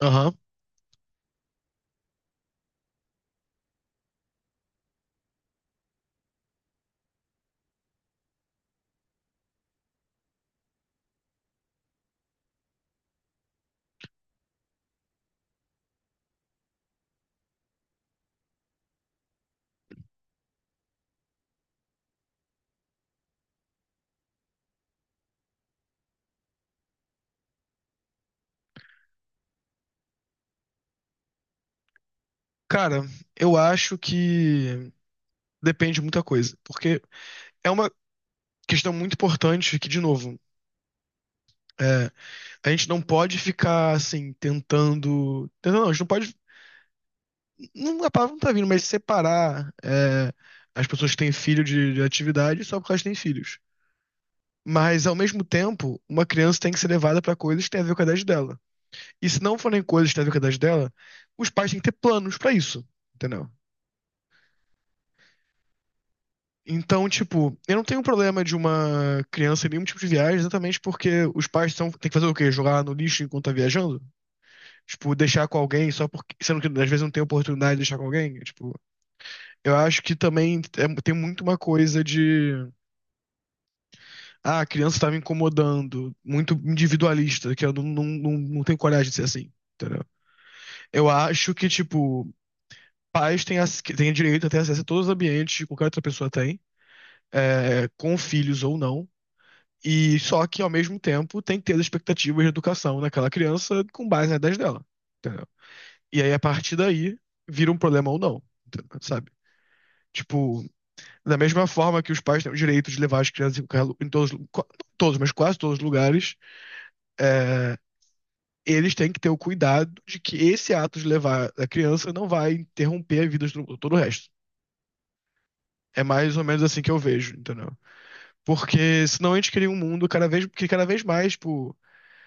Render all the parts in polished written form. Aham. Cara, eu acho que depende de muita coisa, porque é uma questão muito importante que, de novo, é, a gente não pode ficar assim tentando não, a gente não pode, não, a palavra não tá vindo, mas separar as pessoas que têm filho de atividade só porque elas têm filhos. Mas, ao mesmo tempo, uma criança tem que ser levada pra coisas que têm a ver com a idade dela. E se não forem coisas que têm a ver com a idade dela, os pais têm que ter planos pra isso, entendeu? Então, tipo, eu não tenho problema de uma criança em nenhum tipo de viagem, exatamente porque os pais são, tem que fazer o quê? Jogar no lixo enquanto tá viajando? Tipo, deixar com alguém só porque. Sendo que às vezes não tem oportunidade de deixar com alguém. Tipo, eu acho que também tem muito uma coisa de. Ah, a criança tá me incomodando. Muito individualista, que eu não tenho coragem de ser assim. Entendeu? Eu acho que, tipo, pais têm direito a ter acesso a todos os ambientes, que qualquer outra pessoa tem, com filhos ou não. E só que, ao mesmo tempo, tem que ter as expectativas de educação daquela criança com base nas ideias dela. Entendeu? E aí, a partir daí, vira um problema ou não, entendeu? Sabe? Tipo, da mesma forma que os pais têm o direito de levar as crianças em todos, não todos, mas quase todos os lugares, eles têm que ter o cuidado de que esse ato de levar a criança não vai interromper a vida de todo o resto. É mais ou menos assim que eu vejo, entendeu? Porque senão a gente cria um mundo cada vez, que cada vez mais, tipo,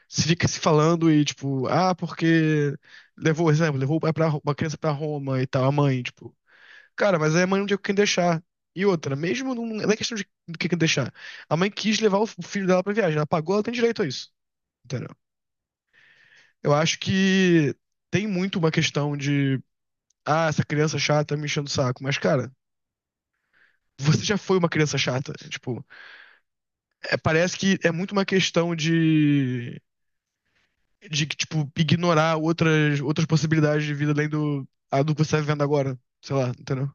se fica se falando e, tipo, ah, porque levou, exemplo, uma criança pra Roma e tal, a mãe, tipo, cara, mas aí a mãe não tinha com quem deixar. E outra, mesmo não, não é questão de do que quem deixar. A mãe quis levar o filho dela pra viagem, ela pagou, ela tem direito a isso, entendeu? Eu acho que tem muito uma questão de, ah, essa criança chata me enchendo o saco, mas, cara. Você já foi uma criança chata. Tipo, parece que é muito uma questão de que, tipo, ignorar outras possibilidades de vida além do, a do que você tá vivendo agora. Sei lá, entendeu?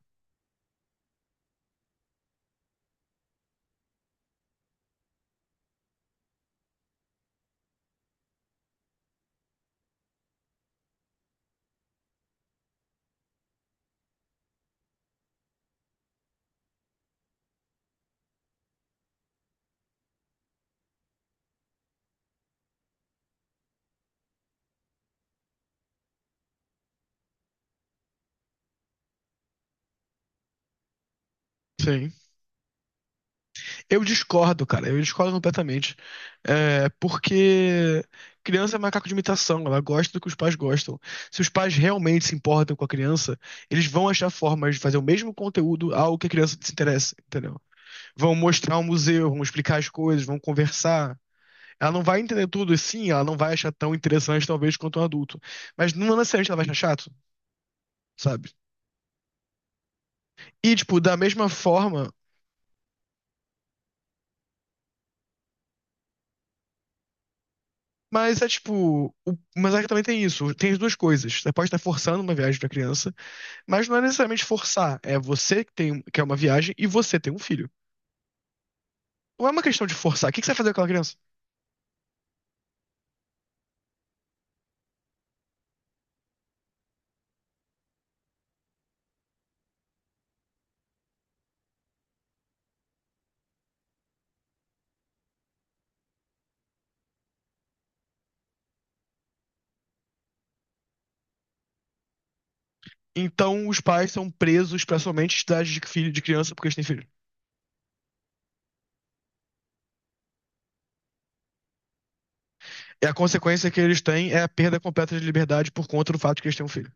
Sim. Eu discordo, cara. Eu discordo completamente. Porque criança é macaco de imitação. Ela gosta do que os pais gostam. Se os pais realmente se importam com a criança, eles vão achar formas de fazer o mesmo conteúdo ao que a criança se interessa, entendeu? Vão mostrar um museu, vão explicar as coisas, vão conversar. Ela não vai entender tudo, e sim, ela não vai achar tão interessante, talvez, quanto um adulto. Mas não necessariamente ela vai achar chato, sabe? E, tipo, da mesma forma, mas é tipo. Mas é que também tem isso, tem as duas coisas. Você pode estar forçando uma viagem pra criança, mas não é necessariamente forçar. É você que tem, quer uma viagem e você tem um filho. Não é uma questão de forçar. O que que você vai fazer com aquela criança? Então, os pais são presos pra somente idade de filho de criança porque eles têm filho. E a consequência que eles têm é a perda completa de liberdade por conta do fato de que eles têm um filho.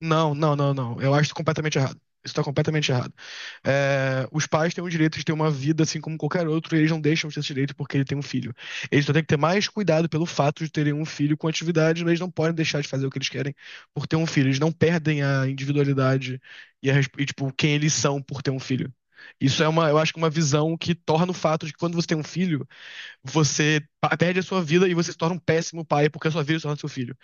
Não. Eu acho isso completamente errado. Isso tá completamente errado. É, os pais têm o direito de ter uma vida assim como qualquer outro, e eles não deixam de ter esse direito porque ele tem um filho. Eles só têm que ter mais cuidado pelo fato de terem um filho com atividade, mas eles não podem deixar de fazer o que eles querem por ter um filho. Eles não perdem a individualidade tipo, quem eles são por ter um filho. Isso é uma, eu acho que uma visão que torna o fato de que, quando você tem um filho, você perde a sua vida e você se torna um péssimo pai porque a sua vida se torna seu filho.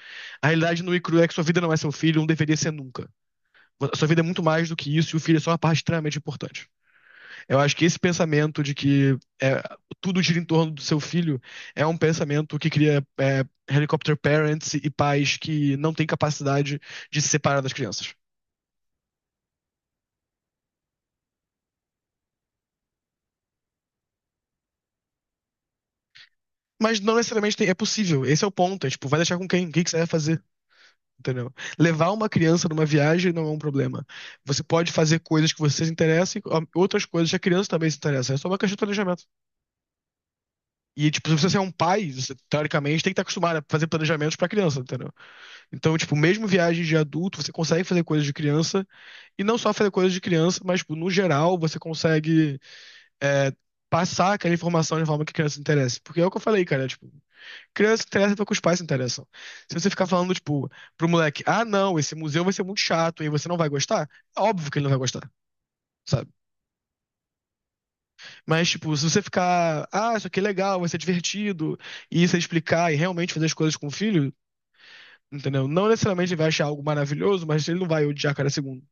A realidade no e crua é que sua vida não é seu filho, não deveria ser nunca. A sua vida é muito mais do que isso e o filho é só uma parte extremamente importante. Eu acho que esse pensamento de que é, tudo gira em torno do seu filho é um pensamento que cria helicopter parents e pais que não têm capacidade de se separar das crianças. Mas não necessariamente é possível. Esse é o ponto. É tipo, vai deixar com quem? O que que você vai fazer? Entendeu? Levar uma criança numa viagem não é um problema. Você pode fazer coisas que você se interessa e ó, outras coisas que a criança também se interessa. É só uma questão de planejamento. E, tipo, se você é um pai, você, teoricamente, tem que estar acostumado a fazer planejamentos pra criança, entendeu? Então, tipo, mesmo viagens de adulto, você consegue fazer coisas de criança, e não só fazer coisas de criança, mas, tipo, no geral, você consegue é, passar aquela informação de forma que a criança se interesse. Porque é o que eu falei, cara, tipo, criança se interessa porque os pais se interessam. Se você ficar falando, tipo, pro moleque, ah, não, esse museu vai ser muito chato e você não vai gostar, é óbvio que ele não vai gostar. Sabe? Mas, tipo, se você ficar, ah, isso aqui é legal, vai ser divertido, e você explicar e realmente fazer as coisas com o filho, entendeu? Não necessariamente ele vai achar algo maravilhoso, mas ele não vai odiar cada segundo.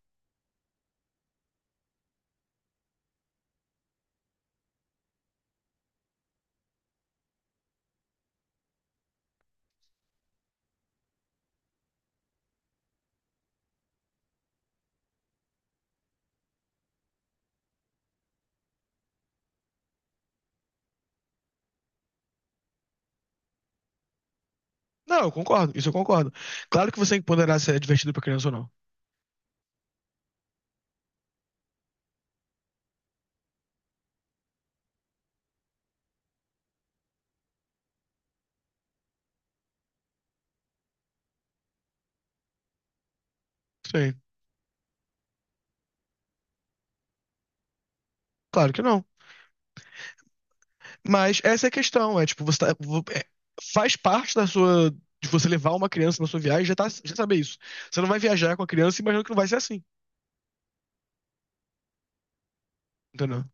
Não, eu concordo, isso eu concordo. Claro que você tem que ponderar se é divertido pra criança ou não. Sim, claro que não. Mas essa é a questão, é tipo, você tá, faz parte da sua, de você levar uma criança na sua viagem, já tá, já saber isso. Você não vai viajar com a criança imaginando que não vai ser assim, entendeu?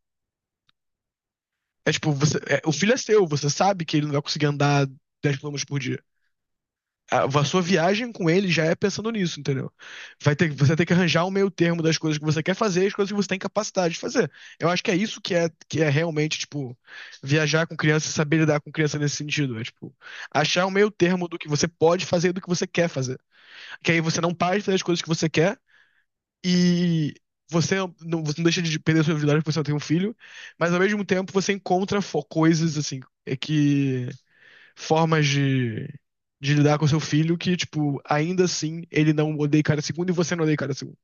É tipo, o filho é seu, você sabe que ele não vai conseguir andar 10 quilômetros por dia. A sua viagem com ele já é pensando nisso, entendeu? Vai ter, você tem que arranjar um meio termo das coisas que você quer fazer e as coisas que você tem capacidade de fazer. Eu acho que é isso que é realmente, tipo, viajar com criança e saber lidar com criança nesse sentido. É, tipo, achar um meio termo do que você pode fazer e do que você quer fazer. Que aí você não para de fazer as coisas que você quer e você não, você não deixa de perder sua individualidade porque você não tem um filho, mas ao mesmo tempo você encontra coisas, assim, é que formas de lidar com seu filho que, tipo, ainda assim ele não odeia cada segundo e você não odeia cada segundo.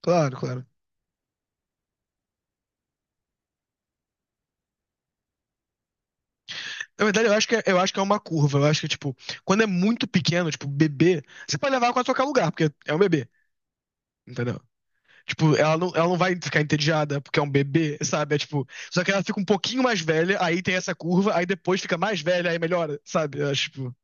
Claro, claro. Na verdade, eu acho que é uma curva. Eu acho que, tipo, quando é muito pequeno, tipo, bebê, você pode levar ela quase a qualquer lugar, porque é um bebê, entendeu? Tipo, ela não vai ficar entediada porque é um bebê, sabe? É tipo, só que ela fica um pouquinho mais velha, aí tem essa curva, aí depois fica mais velha, aí melhora, sabe? Eu acho, tipo,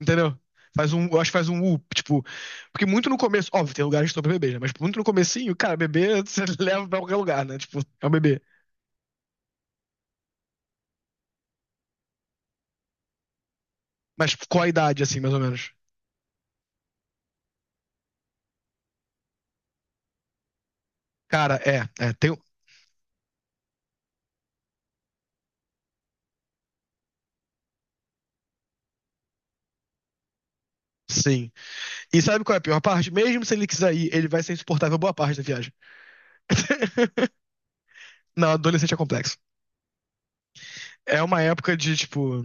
entendeu? Faz um, eu acho que faz um U, tipo. Porque muito no começo, óbvio, tem lugares que estão pra bebê, né? Mas tipo, muito no comecinho, cara, bebê você leva pra qualquer lugar, né? Tipo, é um bebê. Mas tipo, qual a idade, assim, mais ou menos? Cara, tem. Um, sim. E sabe qual é a pior parte? Mesmo se ele quiser ir, ele vai ser insuportável boa parte da viagem. Não, adolescente é complexo. É uma época de, tipo,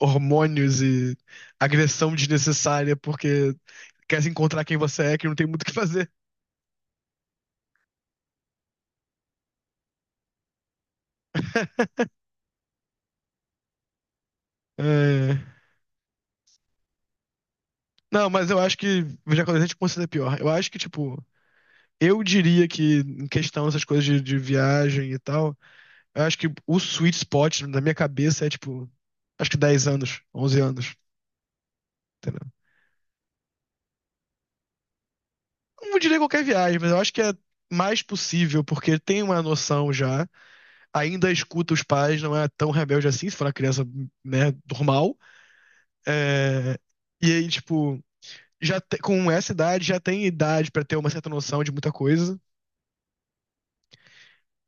hormônios e agressão desnecessária, porque quer se encontrar quem você é, que não tem muito o que fazer. É. Não, mas eu acho que Jacarandá considera pior. Eu acho que, tipo, eu diria que, em questão dessas coisas de viagem e tal, eu acho que o sweet spot na minha cabeça é, tipo, acho que 10 anos, 11 anos, entendeu? Não diria qualquer viagem, mas eu acho que é mais possível, porque tem uma noção já, ainda escuta os pais, não é tão rebelde assim, se for uma criança, né, normal. É, e aí, tipo, com essa idade, já tem idade pra ter uma certa noção de muita coisa.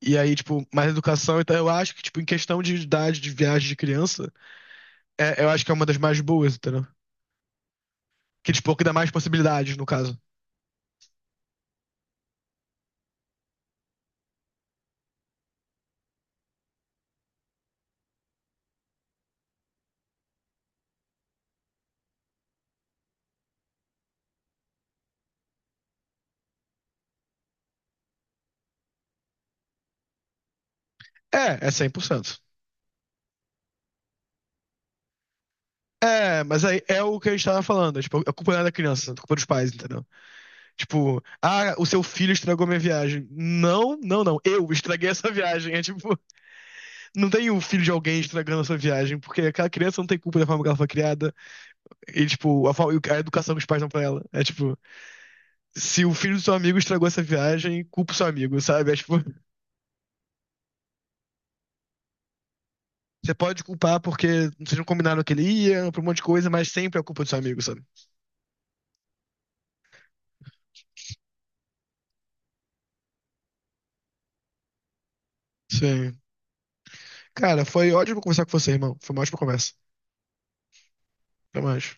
E aí, tipo, mais educação. Então, eu acho que, tipo, em questão de idade de viagem de criança, eu acho que é uma das mais boas, entendeu? Que, tipo, que dá mais possibilidades, no caso. É, é 100%. É, mas aí é o que a gente tava falando. Tipo, a culpa não é da criança, é a culpa é dos pais, entendeu? Tipo, ah, o seu filho estragou minha viagem. Não. Eu estraguei essa viagem. É tipo, não tem o filho de alguém estragando essa viagem, porque aquela criança não tem culpa da forma que ela foi criada. E, tipo, a educação que os pais dão pra ela. É tipo. Se o filho do seu amigo estragou essa viagem, culpa o seu amigo, sabe? É, tipo, você pode culpar porque vocês não combinaram que ele ia, por um monte de coisa, mas sempre é culpa do seu amigo, sabe? Sim. Cara, foi ótimo conversar com você, irmão. Foi uma ótima conversa. Até mais.